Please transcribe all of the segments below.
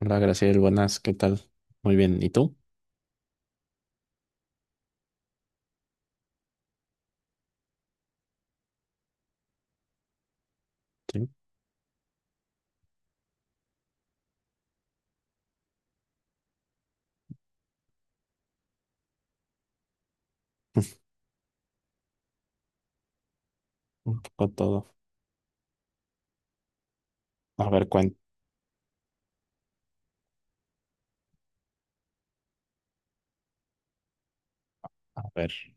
Hola, Graciel, buenas, ¿qué tal? Muy bien, ¿y tú? Sí, un poco todo. A ver, cuenta, a ver,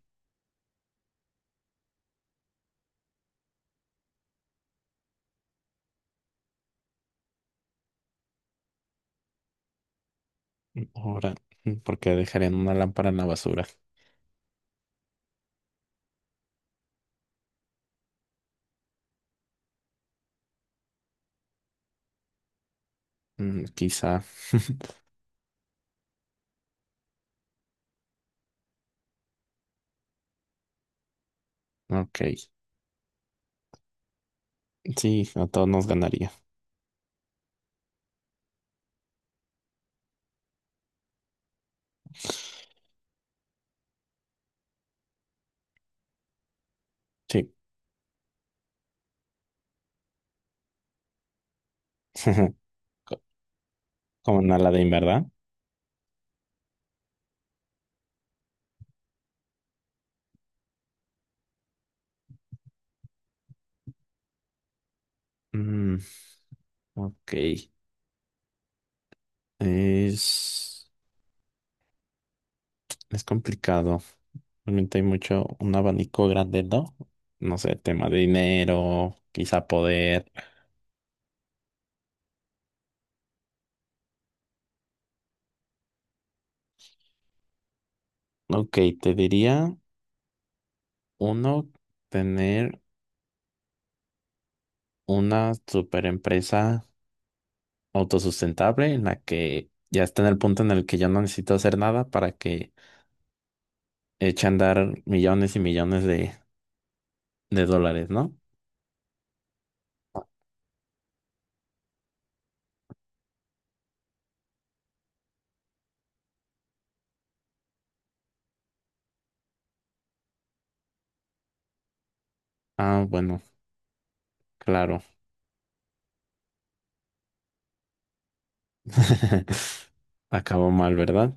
ahora, ¿porque dejarían una lámpara en la basura? Mm, quizá. Ok, sí, a todos nos ganaría. Sí, Co- como una Aladdin, ¿verdad? Mm, ok, es, es complicado. Realmente hay mucho, un abanico grande, ¿no? No sé, tema de dinero, quizá poder. Ok, te diría. Uno, tener una super empresa autosustentable en la que ya está en el punto en el que yo no necesito hacer nada para que eche a andar millones y millones de dólares, ¿no? Ah, bueno, claro. Acabó mal, ¿verdad?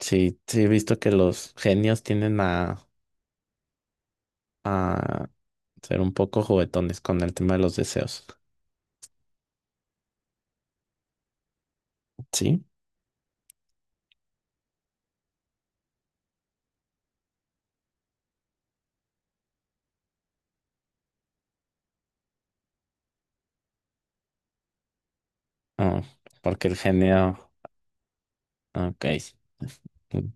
Sí, sí, he visto que los genios tienden a ser un poco juguetones con el tema de los deseos. ¿Sí? Ah, porque el genio... Ok.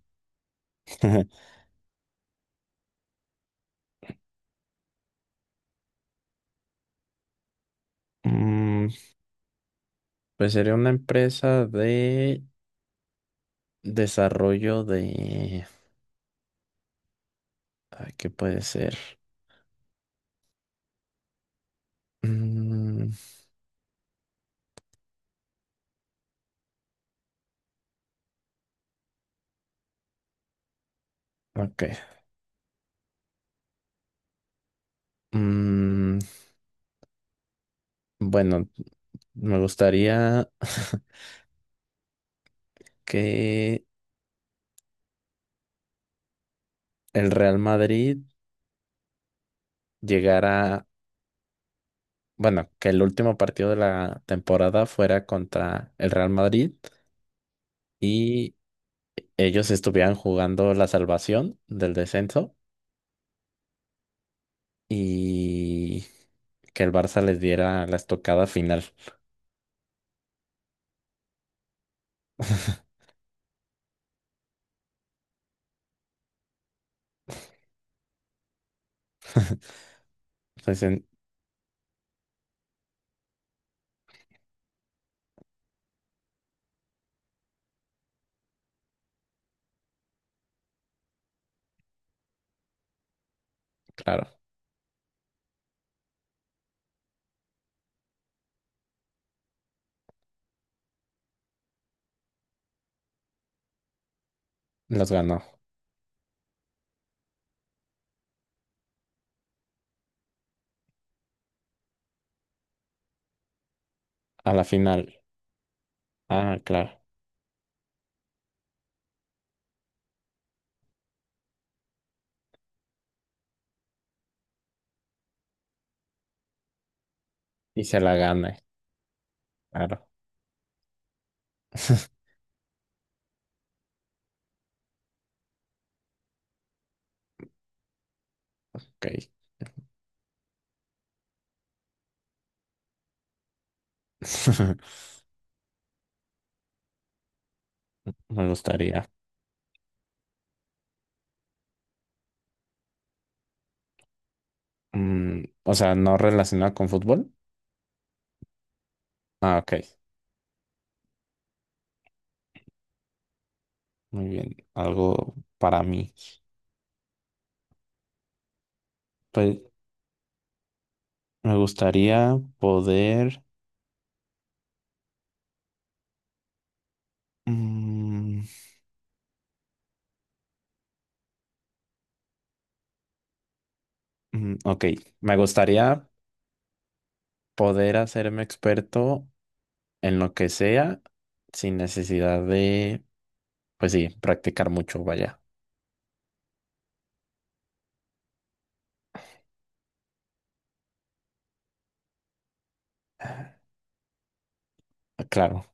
Mm, Pues sería una empresa de desarrollo de... Ay, ¿qué puede ser? Mm, ok. Mm, bueno, me gustaría que el Real Madrid llegara... Bueno, que el último partido de la temporada fuera contra el Real Madrid y ellos estuvieran jugando la salvación del descenso y que el Barça les diera la estocada final. Entonces, claro, los ganó a la final. Ah, claro. Y se la gana, claro. Ok. Me gustaría. Mm, o sea, no relacionado con fútbol. Ah, ok. Muy bien. Algo para mí. Pues me gustaría poder. mm, ok. Me gustaría poder hacerme experto en lo que sea sin necesidad de, pues sí, practicar mucho, vaya. Claro.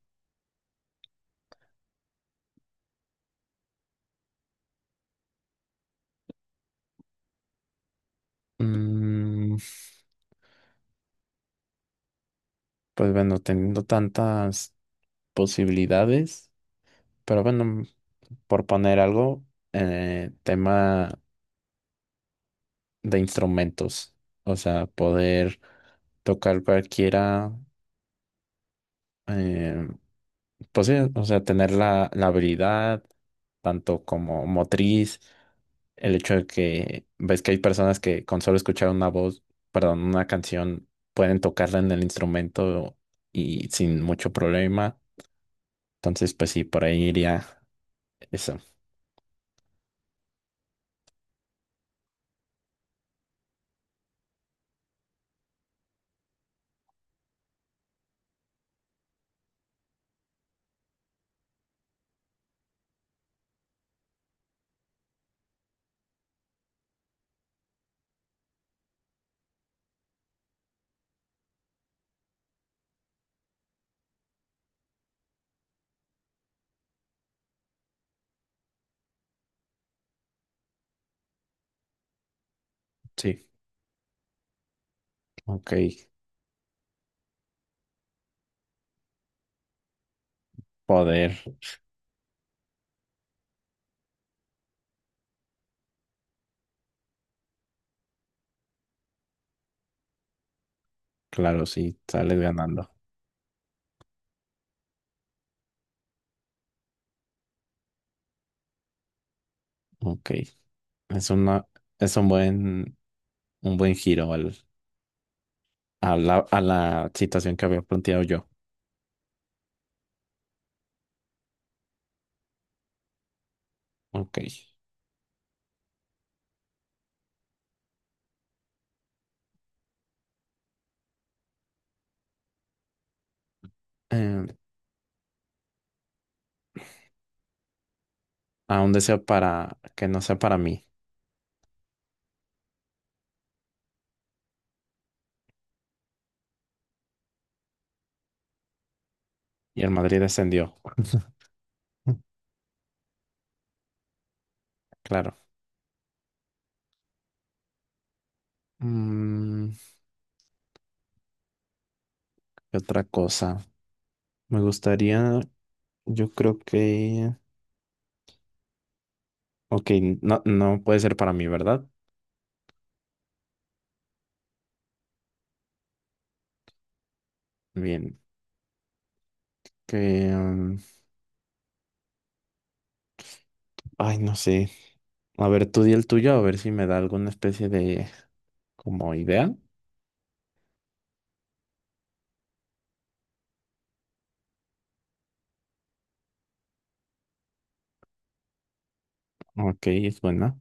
Mm, Pues bueno, teniendo tantas posibilidades, pero bueno, por poner algo, tema de instrumentos, o sea, poder tocar cualquiera, eh, pues sí, o sea, tener la habilidad, tanto como motriz, el hecho de que ves que hay personas que con solo escuchar una voz, perdón, una canción, pueden tocarla en el instrumento y sin mucho problema, entonces pues sí, por ahí iría. Eso. Sí, ok. Poder, claro, sí, sales ganando. Ok. Es una, es un buen giro al, a la situación que había planteado yo. Ok. Em, a un deseo para que no sea para mí. Y el Madrid descendió. Claro. Mm, ¿qué otra cosa? Me gustaría, yo creo que. Ok, no, no puede ser para mí, ¿verdad? Bien. Que. Ay, no sé. A ver, tú di el tuyo, a ver si me da alguna especie de como idea. Ok, es buena.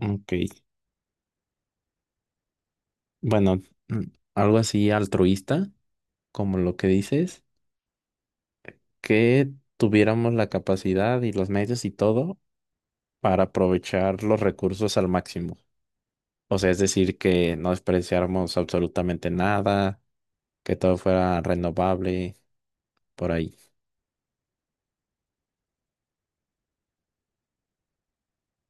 Ok. Bueno, mm, algo así altruista, como lo que dices, que tuviéramos la capacidad y los medios y todo para aprovechar los recursos al máximo. O sea, es decir, que no despreciáramos absolutamente nada, que todo fuera renovable por ahí.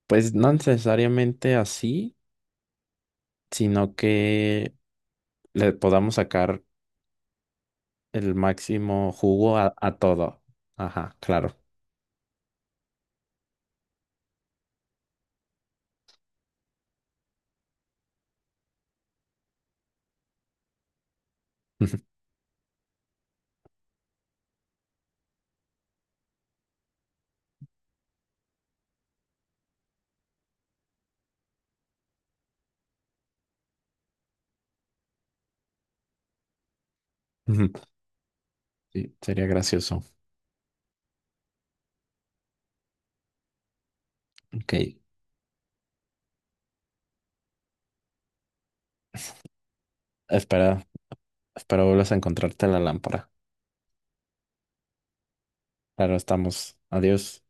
Pues no necesariamente así, sino que le podamos sacar el máximo jugo a todo. Ajá, claro. Ujú. Sí, sería gracioso. Ok. Espera, espero vuelvas a encontrarte la lámpara. Claro, estamos. Adiós.